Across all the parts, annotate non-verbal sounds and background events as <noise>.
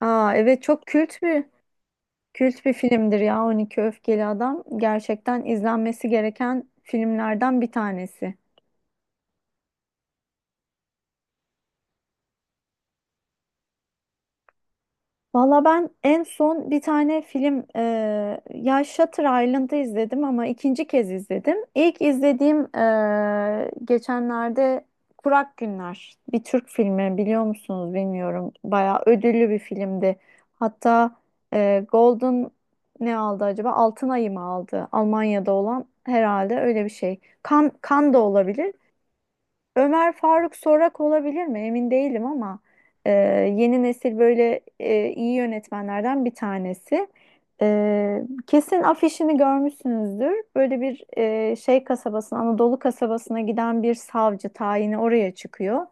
Aa, evet, çok kült bir filmdir ya, 12 Öfkeli Adam. Gerçekten izlenmesi gereken filmlerden bir tanesi. Valla, ben en son bir tane film ya Shutter Island'ı izledim ama ikinci kez izledim. İlk izlediğim geçenlerde Kurak Günler, bir Türk filmi, biliyor musunuz bilmiyorum. Bayağı ödüllü bir filmdi. Hatta Golden ne aldı acaba? Altın Ayı mı aldı? Almanya'da olan herhalde, öyle bir şey. Kan, kan da olabilir. Ömer Faruk Sorak olabilir mi? Emin değilim ama e, yeni nesil böyle iyi yönetmenlerden bir tanesi. E, kesin afişini görmüşsünüzdür. Böyle bir şey kasabasına, Anadolu kasabasına giden bir savcı tayini oraya çıkıyor.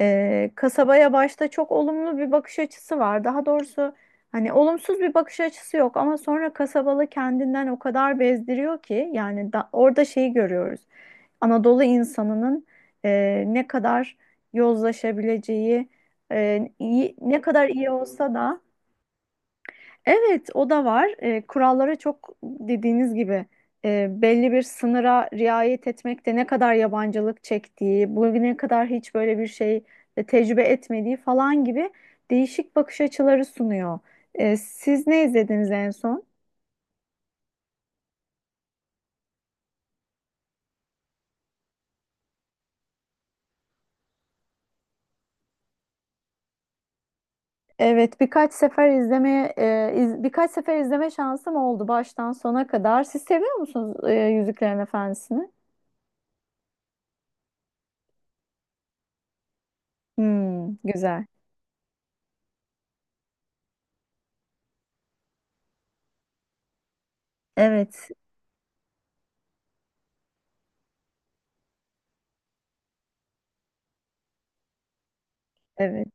Kasabaya başta çok olumlu bir bakış açısı var. Daha doğrusu hani olumsuz bir bakış açısı yok ama sonra kasabalı kendinden o kadar bezdiriyor ki, yani da, orada şeyi görüyoruz. Anadolu insanının ne kadar yozlaşabileceği, ne kadar iyi olsa da, evet, o da var. Kurallara, çok dediğiniz gibi belli bir sınıra riayet etmekte ne kadar yabancılık çektiği, bugüne kadar hiç böyle bir şey tecrübe etmediği falan gibi değişik bakış açıları sunuyor. Siz ne izlediniz en son? Evet, birkaç sefer birkaç sefer izleme şansım oldu baştan sona kadar. Siz seviyor musunuz Yüzüklerin Efendisi'ni? Hmm, güzel. Evet, evet.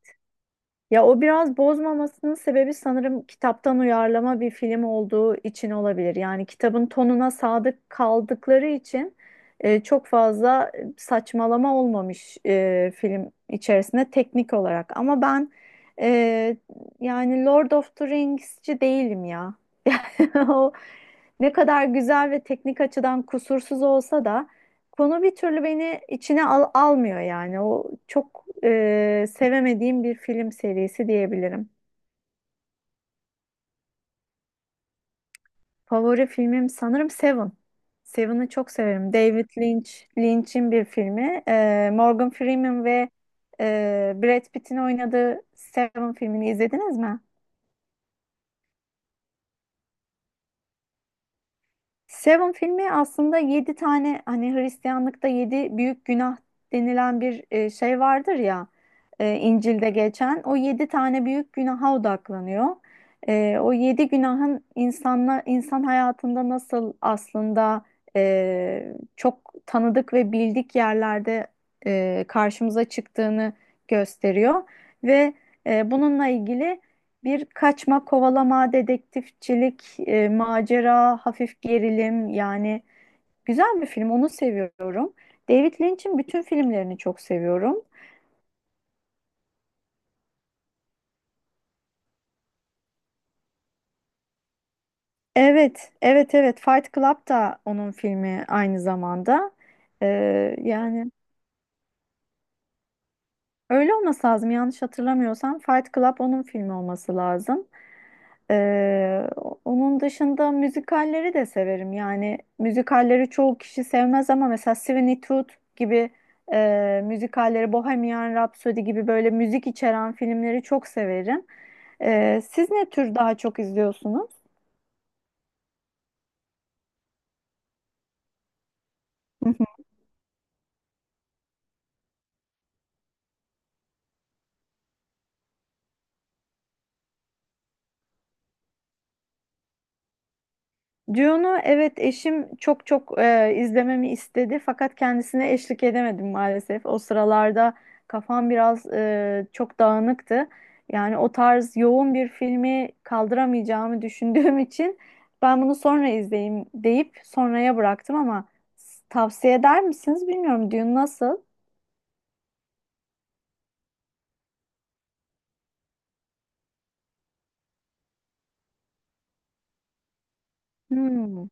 Ya o biraz bozmamasının sebebi, sanırım kitaptan uyarlama bir film olduğu için olabilir. Yani kitabın tonuna sadık kaldıkları için çok fazla saçmalama olmamış film içerisinde, teknik olarak. Ama ben, e, yani Lord of the Rings'ci değilim ya. <laughs> O ne kadar güzel ve teknik açıdan kusursuz olsa da konu bir türlü beni içine almıyor yani. O çok sevemediğim bir film serisi diyebilirim. Favori filmim sanırım Seven. Seven'ı çok severim. David Lynch, Lynch'in bir filmi. Morgan Freeman ve Brad Pitt'in oynadığı Seven filmini izlediniz mi? Seven filmi aslında yedi tane, hani Hristiyanlıkta yedi büyük günah denilen bir şey vardır ya, İncil'de geçen o yedi tane büyük günaha odaklanıyor. O yedi günahın insanla, insan hayatında nasıl aslında çok tanıdık ve bildik yerlerde karşımıza çıktığını gösteriyor ve bununla ilgili. Bir kaçma, kovalama, dedektifçilik, macera, hafif gerilim, yani güzel bir film, onu seviyorum. David Lynch'in bütün filmlerini çok seviyorum. Evet, evet, evet. Fight Club da onun filmi aynı zamanda. Yani öyle olması lazım. Yanlış hatırlamıyorsam Fight Club onun filmi olması lazım. Ee, onun dışında müzikalleri de severim. Yani müzikalleri çoğu kişi sevmez ama mesela Sweeney Todd gibi müzikalleri, Bohemian Rhapsody gibi böyle müzik içeren filmleri çok severim. Siz ne tür daha çok izliyorsunuz? Dune'u, evet, eşim çok çok izlememi istedi fakat kendisine eşlik edemedim maalesef. O sıralarda kafam biraz, çok dağınıktı. Yani o tarz yoğun bir filmi kaldıramayacağımı düşündüğüm için ben bunu sonra izleyeyim deyip sonraya bıraktım ama, tavsiye eder misiniz bilmiyorum. Dune nasıl? Hmm.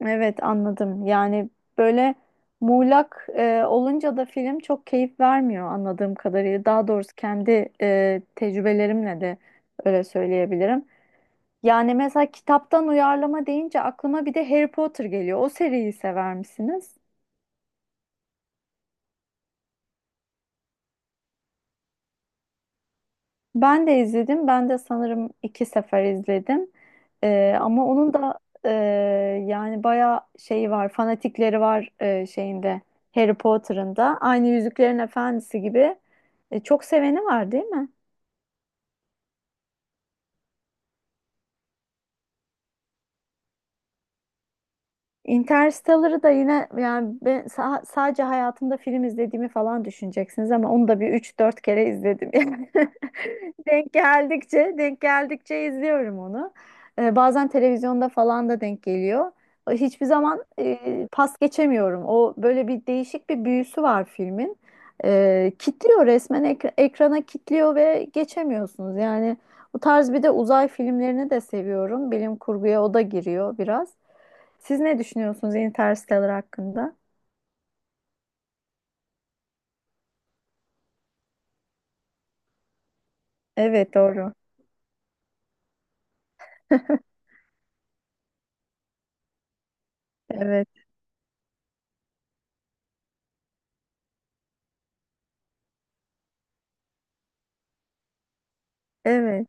Evet, anladım. Yani böyle muğlak olunca da film çok keyif vermiyor, anladığım kadarıyla. Daha doğrusu kendi tecrübelerimle de öyle söyleyebilirim. Yani mesela kitaptan uyarlama deyince aklıma bir de Harry Potter geliyor. O seriyi sever misiniz? Ben de izledim. Ben de sanırım iki sefer izledim. Ama onun da, e, yani bayağı şeyi var, fanatikleri var şeyinde, Harry Potter'ın da. Aynı Yüzüklerin Efendisi gibi çok seveni var, değil mi? Interstellar'ı da, yine yani ben sadece hayatımda film izlediğimi falan düşüneceksiniz ama onu da bir üç dört kere izledim. <laughs> Yani denk geldikçe denk geldikçe izliyorum onu. Bazen televizyonda falan da denk geliyor. Hiçbir zaman pas geçemiyorum. O böyle bir değişik bir büyüsü var filmin. Kitliyor resmen, ekrana kitliyor ve geçemiyorsunuz. Yani bu tarz, bir de uzay filmlerini de seviyorum. Bilim kurguya o da giriyor biraz. Siz ne düşünüyorsunuz Interstellar hakkında? Evet, doğru. Evet. Evet.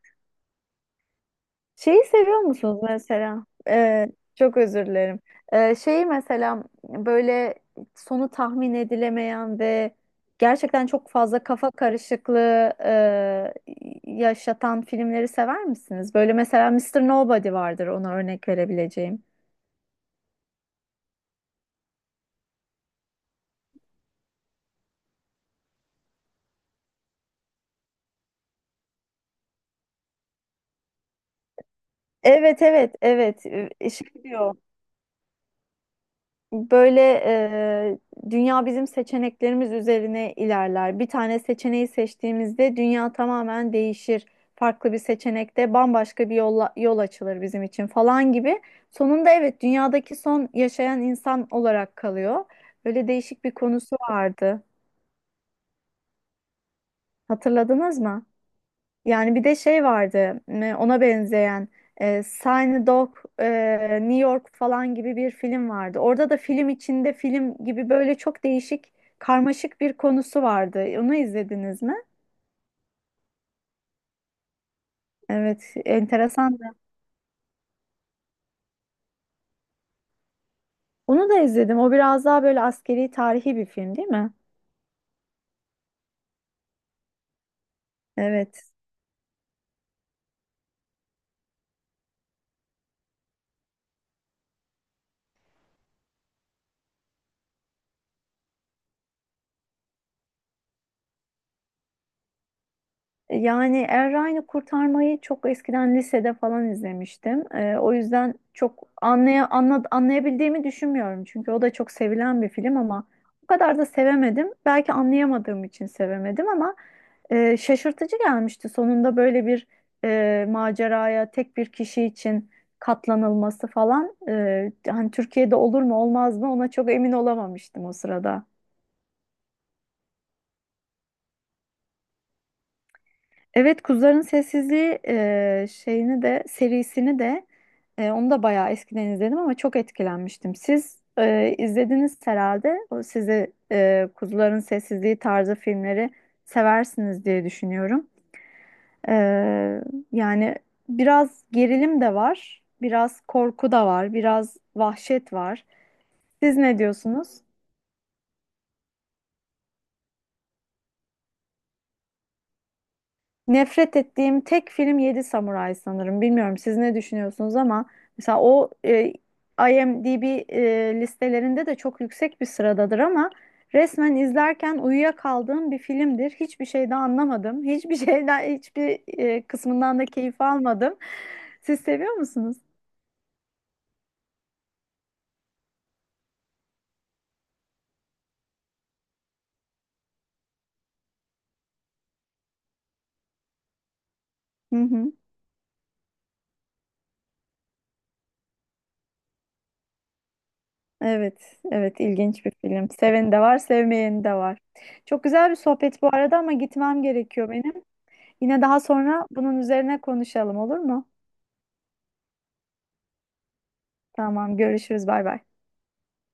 Şeyi seviyor musunuz mesela? Çok özür dilerim. Şeyi mesela, böyle sonu tahmin edilemeyen ve gerçekten çok fazla kafa karışıklığı yaşatan filmleri sever misiniz? Böyle mesela Mister Nobody vardır, ona örnek verebileceğim. Evet, evet, evet. Şey diyor böyle, dünya bizim seçeneklerimiz üzerine ilerler. Bir tane seçeneği seçtiğimizde dünya tamamen değişir. Farklı bir seçenekte bambaşka bir yolla, yol açılır bizim için falan gibi. Sonunda evet, dünyadaki son yaşayan insan olarak kalıyor. Böyle değişik bir konusu vardı. Hatırladınız mı? Yani bir de şey vardı, ona benzeyen, Sign Dog, New York falan gibi bir film vardı. Orada da film içinde film gibi böyle çok değişik, karmaşık bir konusu vardı. Onu izlediniz mi? Evet, enteresan. Onu da izledim. O biraz daha böyle askeri, tarihi bir film değil mi? Evet. Yani Errani Kurtarmayı çok eskiden, lisede falan izlemiştim. O yüzden çok anlayabildiğimi düşünmüyorum. Çünkü o da çok sevilen bir film ama o kadar da sevemedim. Belki anlayamadığım için sevemedim ama şaşırtıcı gelmişti. Sonunda böyle bir maceraya tek bir kişi için katlanılması falan. Hani Türkiye'de olur mu olmaz mı, ona çok emin olamamıştım o sırada. Evet, Kuzuların Sessizliği şeyini de, serisini de, onu da bayağı eskiden izledim ama çok etkilenmiştim. Siz izlediniz herhalde. O size Kuzuların Sessizliği tarzı filmleri seversiniz diye düşünüyorum. E, yani biraz gerilim de var, biraz korku da var, biraz vahşet var. Siz ne diyorsunuz? Nefret ettiğim tek film Yedi Samuray sanırım. Bilmiyorum siz ne düşünüyorsunuz ama mesela o IMDb listelerinde de çok yüksek bir sıradadır ama resmen izlerken uyuyakaldığım bir filmdir. Hiçbir şey de anlamadım. <laughs> Hiçbir şeyden, hiçbir kısmından da keyif almadım. Siz seviyor musunuz? Hı hı. Evet, evet, ilginç bir film. Seveni de var, sevmeyeni de var. Çok güzel bir sohbet bu arada ama gitmem gerekiyor benim. Yine daha sonra bunun üzerine konuşalım, olur mu? Tamam, görüşürüz, bay bay.